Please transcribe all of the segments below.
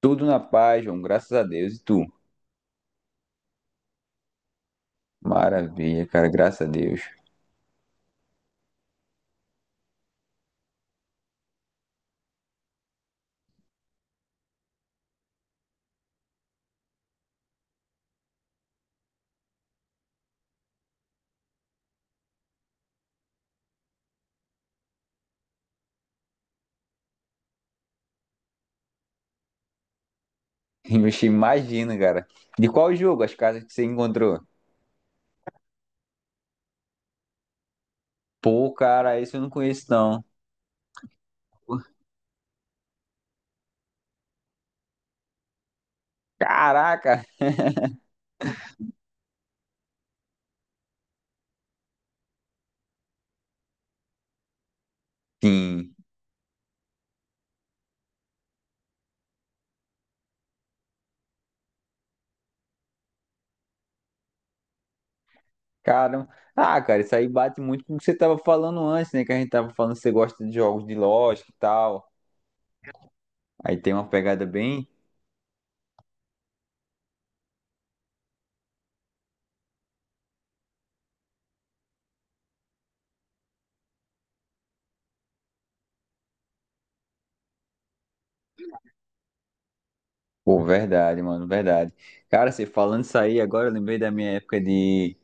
Tudo na paz, João, graças a Deus. E tu? Maravilha, cara, graças a Deus. Ixi, imagina, cara. De qual jogo as casas que você encontrou? Pô, cara, esse eu não conheço, não. Caraca! Sim, caramba. Ah, cara, isso aí bate muito com o que você tava falando antes, né? Que a gente tava falando que você gosta de jogos de lógica e tal. Aí tem uma pegada bem. Pô, verdade, mano, verdade. Cara, você falando isso aí, agora eu lembrei da minha época de,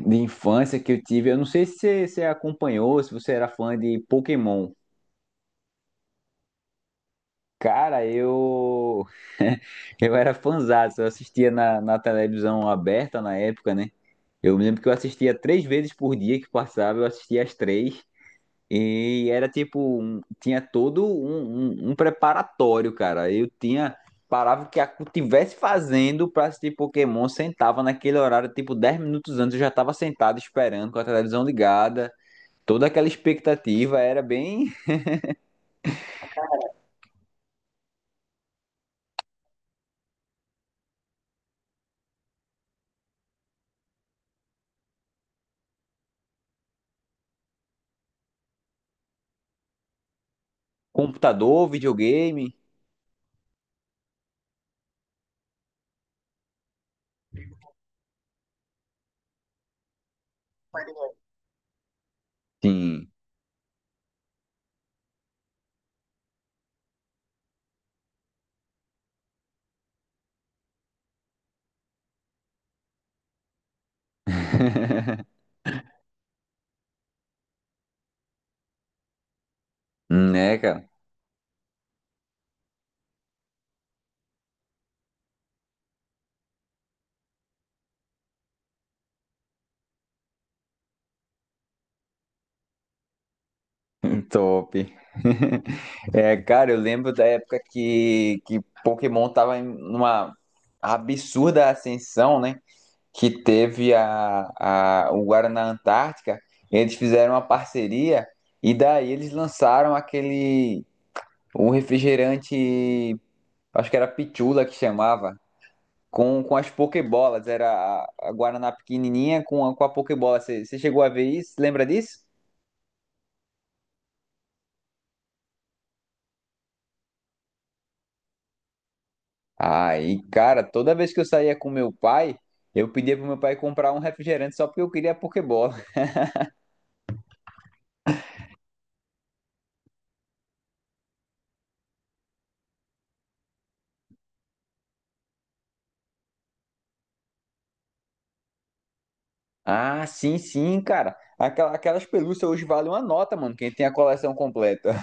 de infância que eu tive. Eu não sei se você acompanhou, se você era fã de Pokémon. Cara, eu eu era fãzaço, eu assistia na televisão aberta na época, né? Eu me lembro que eu assistia três vezes por dia que passava, eu assistia as três. E era tipo, tinha todo um preparatório, cara. Eu tinha, parava o que tivesse fazendo pra assistir Pokémon, sentava naquele horário, tipo, 10 minutos antes eu já tava sentado esperando, com a televisão ligada. Toda aquela expectativa era bem computador, videogame. Sim. Né, cara? Top. É, cara, eu lembro da época que Pokémon tava em uma absurda ascensão, né? Que teve o Guaraná Antártica, eles fizeram uma parceria e daí eles lançaram aquele um refrigerante, acho que era Pichula que chamava, com as Pokébolas, era a Guaraná pequenininha com a Pokébola. Você chegou a ver isso? Lembra disso? Aí, cara, toda vez que eu saía com meu pai, eu pedia pro meu pai comprar um refrigerante só porque eu queria a Pokébola. Ah, sim, sim, cara. Aquelas pelúcias hoje valem uma nota, mano, quem tem a coleção completa.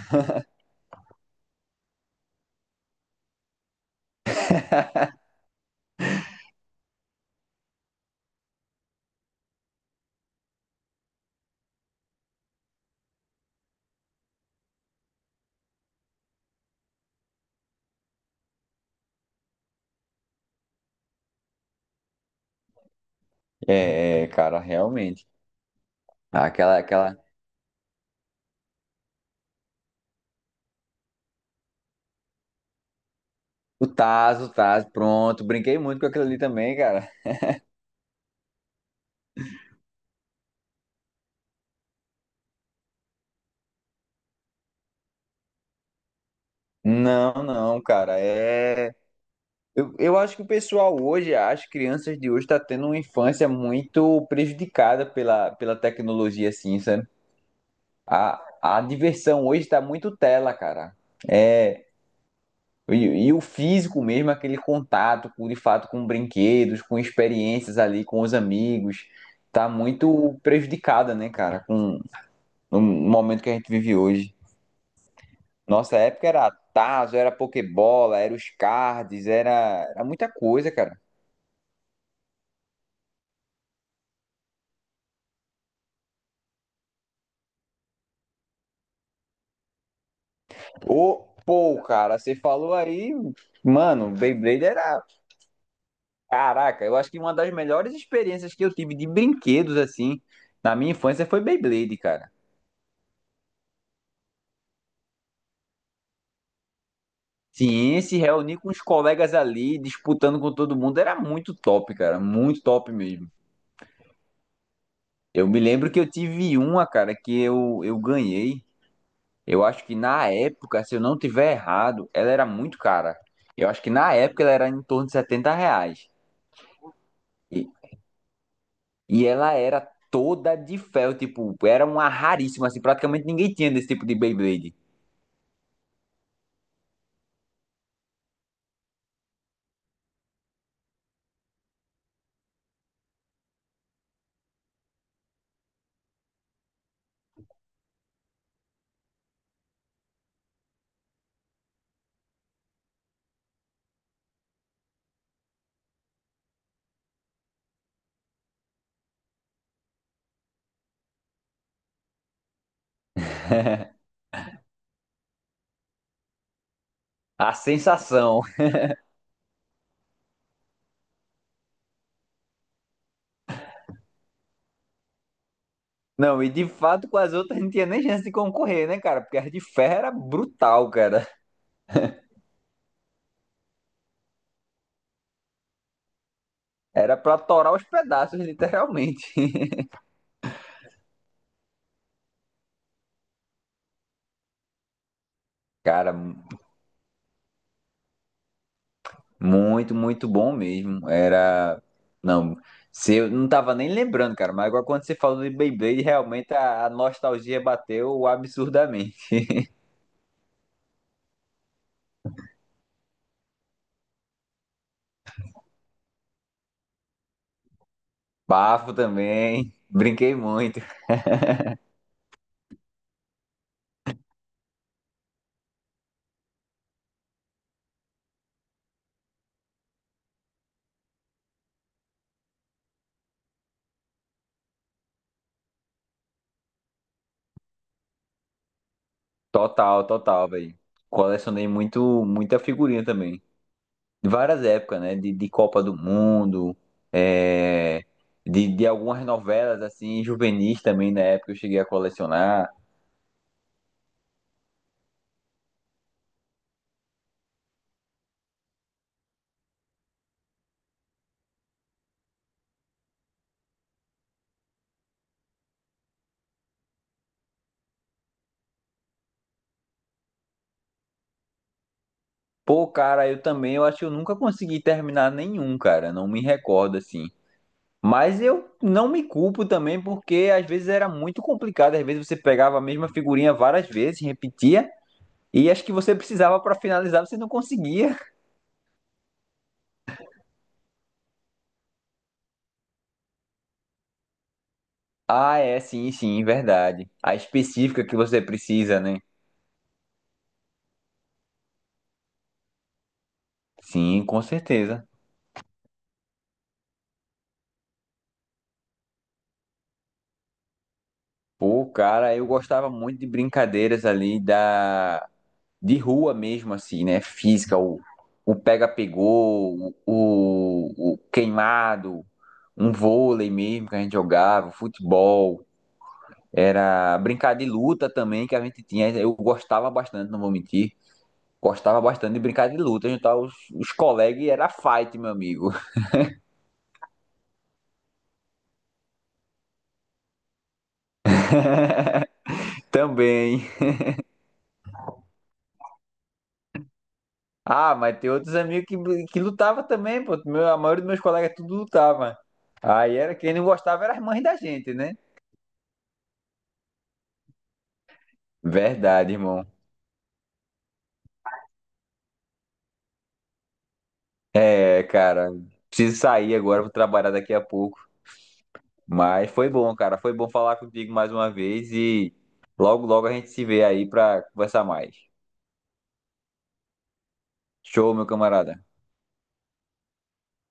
É, é, cara, realmente. Aquela. O Taz, pronto. Brinquei muito com aquilo ali também, cara. Não, não, cara. É. Eu acho que o pessoal hoje, as crianças de hoje, tá tendo uma infância muito prejudicada pela tecnologia, assim, sabe? A, a diversão hoje tá muito tela, cara. É. E o físico mesmo, aquele contato, com, de fato, com brinquedos, com experiências ali, com os amigos, tá muito prejudicada, né, cara? Com no momento que a gente vive hoje. Nossa época era Tazo, era Pokébola, era os cards, era muita coisa, cara. Ô, pô, cara, você falou aí, mano, Beyblade era. Caraca, eu acho que uma das melhores experiências que eu tive de brinquedos, assim, na minha infância foi Beyblade, cara. Sim, se reunir com os colegas ali, disputando com todo mundo, era muito top, cara. Muito top mesmo. Eu me lembro que eu tive uma, cara, que eu ganhei. Eu acho que na época, se eu não tiver errado, ela era muito cara. Eu acho que na época ela era em torno de R$ 70. E, e ela era toda de fel, tipo, era uma raríssima, assim, praticamente ninguém tinha desse tipo de Beyblade. A sensação. Não, e de fato com as outras não tinha nem chance de concorrer, né, cara? Porque as de ferro era brutal, cara. Era pra torar os pedaços, literalmente. Cara, muito, muito bom mesmo. Era. Não, se eu não tava nem lembrando, cara, mas agora quando você falou de Beyblade, realmente a nostalgia bateu absurdamente. Bafo também. Brinquei muito. Total, total, velho. Colecionei muito, muita figurinha também. De várias épocas, né? De Copa do Mundo, é, de algumas novelas, assim, juvenis também na época eu cheguei a colecionar. Pô, cara, eu também, eu, acho que eu nunca consegui terminar nenhum, cara, não me recordo assim. Mas eu não me culpo também, porque às vezes era muito complicado, às vezes você pegava a mesma figurinha várias vezes, repetia, e acho que você precisava pra finalizar, você não conseguia. Ah, é, sim, sim, verdade. A específica que você precisa, né? Sim, com certeza. Pô, cara, eu gostava muito de brincadeiras ali da de rua mesmo, assim, né? Física, o pega-pegou, o queimado, um vôlei mesmo que a gente jogava, futebol, era brincar de luta também que a gente tinha. Eu gostava bastante, não vou mentir. Gostava bastante de brincar de luta, juntar os colegas e era fight, meu amigo. também. Ah, mas tem outros amigos que lutava também, pô. Meu, a maioria dos meus colegas tudo lutava. Aí era quem não gostava era as mães da gente, né? Verdade, irmão. É, cara, preciso sair agora, vou trabalhar daqui a pouco. Mas foi bom, cara. Foi bom falar contigo mais uma vez e logo, logo a gente se vê aí pra conversar mais. Show, meu camarada.